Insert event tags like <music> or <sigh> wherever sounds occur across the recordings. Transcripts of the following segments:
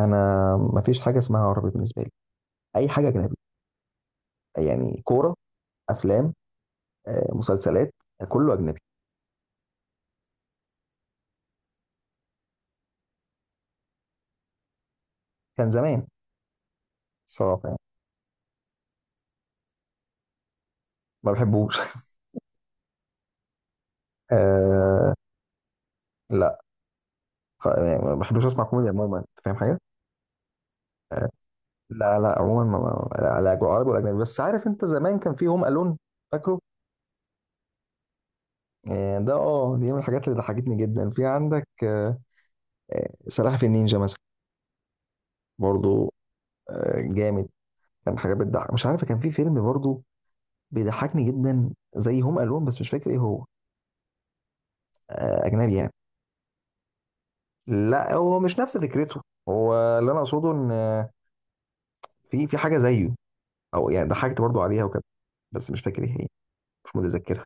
انا. ما فيش حاجه اسمها عربي بالنسبه لي. اي حاجه اجنبي. يعني كوره، افلام، مسلسلات، كله اجنبي. كان زمان. صراحه يعني ما بحبوش <laughs> آه. لا. يعني ما بحبش اسمع كوميديا عموما، انت فاهم حاجه؟ لا، لا، عموما، لا، لا، عربي ولا اجنبي. بس عارف انت زمان كان في هوم الون؟ فاكره؟ آه. ده دي من الحاجات اللي ضحكتني جدا في عندك. سلاحف النينجا مثلا. برضو. جامد. كان حاجه بتضحك، مش عارف، كان في فيلم برضو بيضحكني جدا زي هوم الون، بس مش فاكر ايه هو. اجنبي يعني. لا، هو مش نفس فكرته. هو اللي انا اقصده ان في حاجه زيه. او يعني ضحكت برضو عليها وكده. بس مش فاكر ايه هي. مش متذكرها.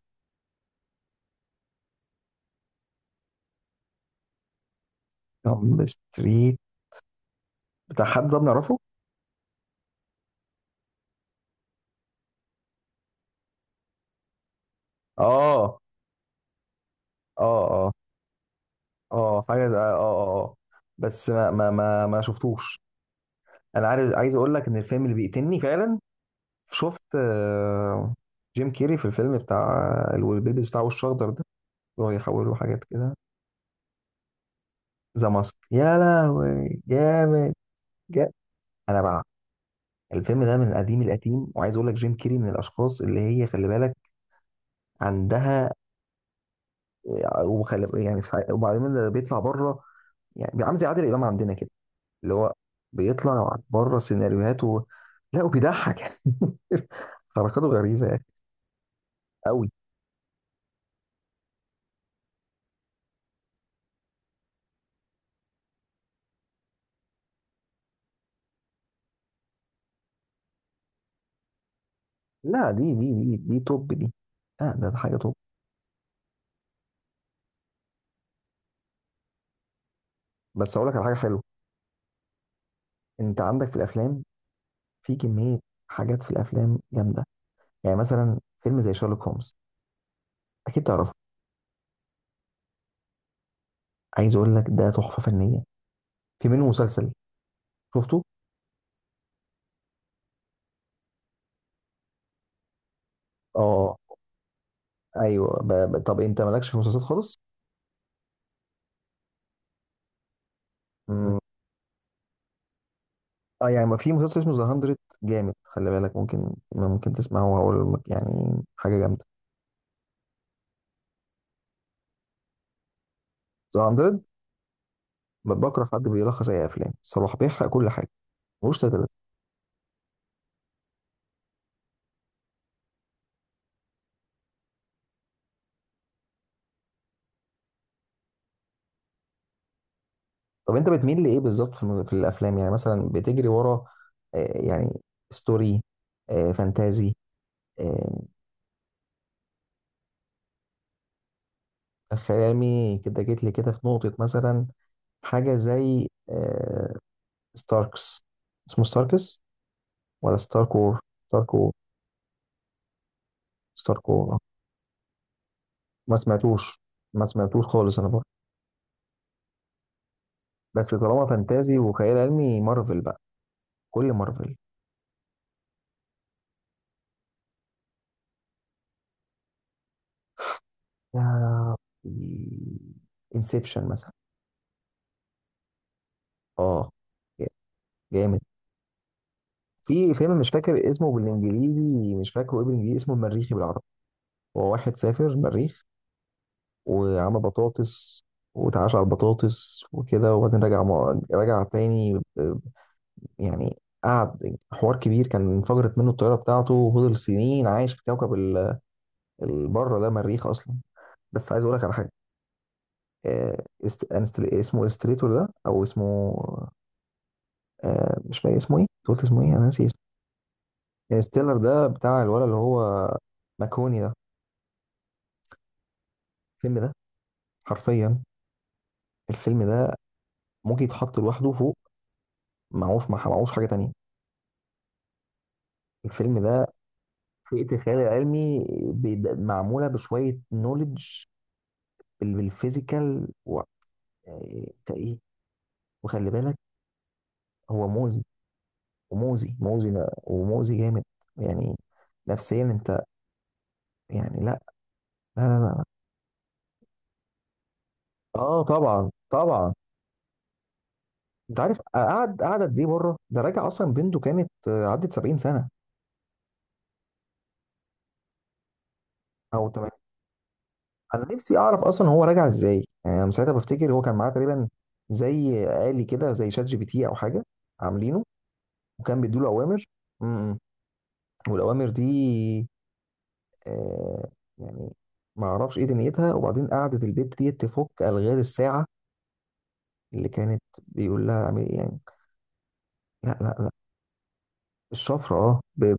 جامب ستريت. بتاع حد ده بنعرفه؟ اه، اه، اه، اه، حاجه اه، اه، اه، آه. بس ما شفتوش. انا عايز اقول لك ان الفيلم اللي بيقتلني فعلا. شفت؟ آه، جيم كيري في الفيلم بتاع، اللي هو بيلبس بتاع وش اخضر ده، اللي هو يحوله حاجات كده. ذا ماسك، يا لهوي جامد. جامد. انا بقى. الفيلم ده من القديم القديم، وعايز اقول لك جيم كيري من الاشخاص اللي هي، خلي بالك عندها. وخلي يعني في وبعدين ده بيطلع بره. يعني بيبقى عامل زي عادل امام عندنا كده، اللي هو بيطلع بره سيناريوهات و... لا، وبيضحك <laughs> يعني. حركاته غريبه قوي. لا، دي توب دي. لا، ده حاجه توب. بس اقول لك على حاجه حلوه. انت عندك في الافلام، في كميه حاجات في الافلام جامده. يعني مثلا فيلم زي شارلوك هومز، اكيد تعرف. عايز اقول لك ده تحفه فنيه. في منه مسلسل، شفته؟ اه، ايوه. طب انت مالكش في المسلسلات خالص؟ مم. اه يعني ما، في مسلسل اسمه ذا 100 جامد، خلي بالك ممكن تسمعه، وهقول لك يعني حاجه جامده. ذا 100. بكره حد بيلخص اي افلام. صلاح بيحرق كل حاجه. ملوش تلاتة. طب انت بتميل لايه بالظبط في الافلام؟ يعني مثلا بتجري ورا يعني، ستوري، فانتازي، آه خيال علمي؟ كده جيت لي كده في نقطه، مثلا حاجة زي ستاركس، اسمه ستاركس ولا ستارك وور؟ ستارك وور. ستارك وور. ما سمعتوش. ما سمعتوش خالص انا بقى. بس طالما فانتازي وخيال علمي، مارفل بقى. كل مارفل. يا، انسبشن مثلا. اه، جامد. في فيلم مش فاكر اسمه بالانجليزي، مش فاكره ايه بالانجليزي، اسمه المريخي بالعربي. هو واحد سافر المريخ وعمل بطاطس، واتعاش على البطاطس وكده، وبعدين رجع رجع تاني، يعني قعد حوار كبير، كان انفجرت منه الطياره بتاعته وفضل سنين عايش في كوكب البره ده، مريخ اصلا. بس عايز اقول لك على حاجه. اسمه الستريتور ده، او اسمه، مش فاكر اسمه ايه. أنت قلت اسمه ايه؟ انا ناسي اسمه. ستيلر ده بتاع الولد، اللي هو ماكوني ده. الفيلم ده، حرفيا، الفيلم ده ممكن يتحط لوحده فوق، معهوش، معهوش حاجه تانية. الفيلم ده، فئة الخيال العلمي، معمولة بشوية نوليدج، بالفيزيكال. يعني انت ايه! وخلي بالك، هو مؤذي، ومؤذي، مؤذي، ومؤذي جامد يعني، نفسيا انت، يعني لا. لا، لا، لا. اه طبعا، طبعا. انت عارف قعد قد ايه بره؟ ده راجع اصلا بنته كانت، عدت 70 سنه. او تمام. انا نفسي اعرف اصلا هو راجع ازاي، يعني انا ساعتها بفتكر هو كان معاه تقريبا زي آلي كده، زي شات جي بي تي او حاجه عاملينه، وكان بيديله اوامر. امم. والاوامر دي، آه يعني ما اعرفش ايه دنيتها، وبعدين قعدت البت دي تفك الغاز الساعه اللي كانت بيقول لها اعملي إيه يعني. لا، لا، لا، الشفره. اه.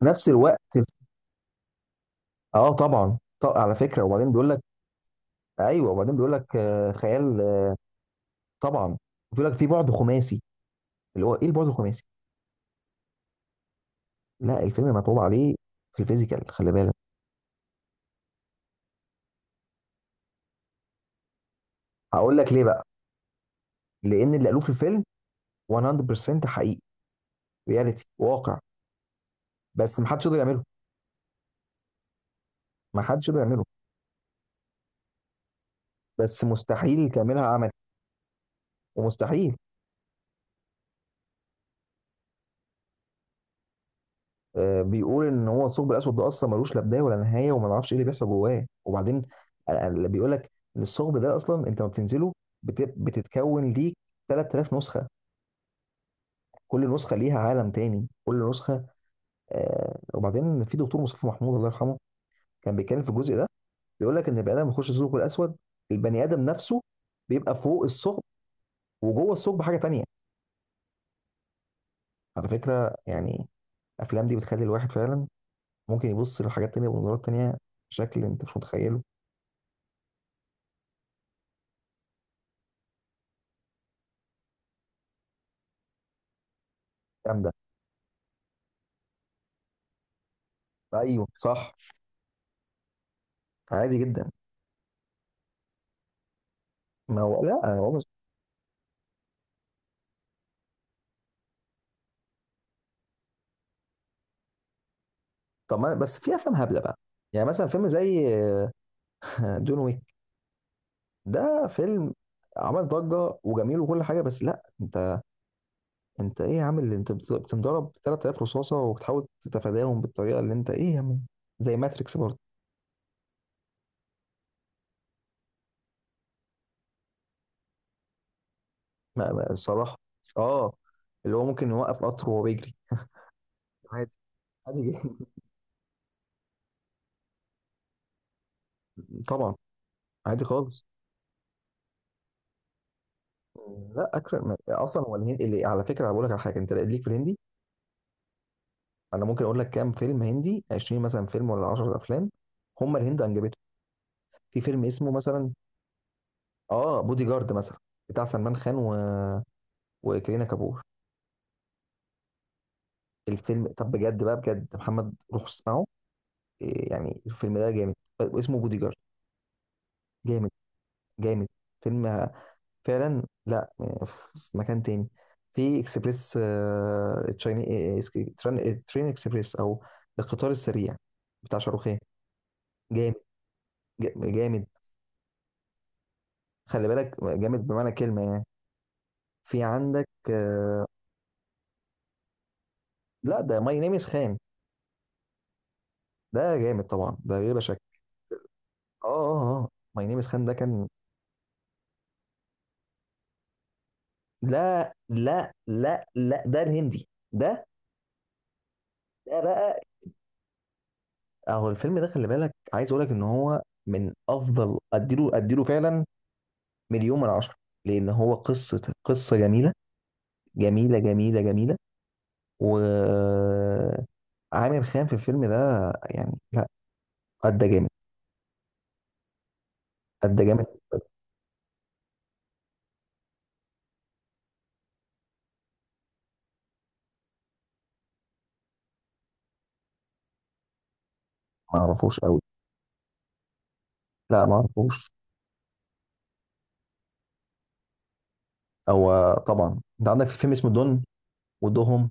بنفس الوقت. اه طبعا، على فكره، وبعدين بيقول لك. ايوه، وبعدين بيقول لك خيال، طبعا. بيقول لك في بعد خماسي، اللي هو ايه البعد الخماسي؟ لا، الفيلم مطلوب عليه في الفيزيكال، خلي بالك. هقول لك ليه بقى. لان اللي قالوه في الفيلم 100% حقيقي، رياليتي، واقع. بس محدش يقدر يعمله. محدش يقدر يعمله، بس مستحيل تعملها، ومستحيل. بيقول ان هو الثقب الاسود ده اصلا ملوش لا بدايه ولا نهايه، وما نعرفش ايه اللي بيحصل جواه. وبعدين اللي بيقول لك ان الثقب ده، اصلا انت ما بتنزله، بتتكون ليك 3000 نسخه، كل نسخه ليها عالم تاني، كل نسخه. وبعدين في دكتور مصطفى محمود، الله يرحمه، كان بيتكلم في الجزء ده. بيقول لك ان البني ادم بيخش الثقب الاسود، البني ادم نفسه بيبقى فوق الثقب، وجوه الثقب حاجه تانيه. على فكره يعني، الافلام دي بتخلي الواحد فعلا ممكن يبص لحاجات تانيه، بمنظورات تانيه، بشكل انت مش متخيله. جامده. ايوه صح. عادي جدا. ما هو لا، هو مش. طب ما بس في افلام هبله بقى، يعني مثلا فيلم زي <laughs> جون ويك. ده فيلم عمل ضجه وجميل وكل حاجه، بس لا. انت، انت ايه يا عم؟ اللي انت بتنضرب 3000 رصاصه وبتحاول تتفاداهم بالطريقه، اللي انت ايه يا عم! زي ماتريكس برضه. الصراحه، اه، اللي هو ممكن يوقف قطر وهو بيجري. عادي. عادي جدا. <laughs> طبعا. عادي خالص. لا، اكشن اصلا هو الهندي. اللي على فكره، بقول لك على حاجه، انت ليك في الهندي؟ انا ممكن اقول لك كام فيلم هندي، 20 مثلا فيلم، ولا 10 افلام هم الهند انجبته. في فيلم اسمه مثلا، اه، بودي جارد مثلا، بتاع سلمان خان و... وكرينا كابور. الفيلم، طب بجد بقى، بجد محمد روح اسمعه. إيه يعني، الفيلم ده جامد. اسمه بودي جارد. جامد. جامد. فيلم فعلا. لا، في مكان تاني، في اكسبريس، تشايني، إيه، تران- آه، ترين اكسبريس، او القطار السريع، بتاع شاروخان. جامد. جامد، خلي بالك جامد بمعنى كلمة يعني. في عندك لا، ده ماي نيم از خان. ده جامد طبعا، ده بلا شك. اه، اه، اه، آه. ماي نيم از خان ده كان، لا، لا، لا، لا، ده الهندي ده. ده بقى، اهو الفيلم ده، خلي بالك، عايز اقول لك ان هو من افضل. اديله، اديله فعلا مليون من عشرة، لان هو قصة، قصة جميلة، جميلة، جميلة، جميلة، و عامر خان في الفيلم ده، يعني لا، قد جامد. قد جامد. ما اعرفوش قوي. لا، ما اعرفوش. هو طبعا انت عندك في فيلم اسمه دون، ودهم،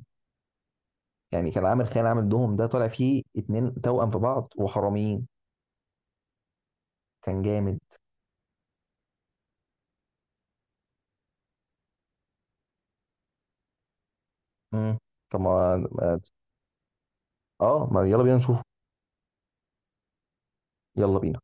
يعني كان عامل خيال، عامل دهم ده، طالع فيه اتنين توأم في بعض وحراميين. كان جامد. امم. طب ما اه، ما يلا بينا نشوفه. يلا بينا.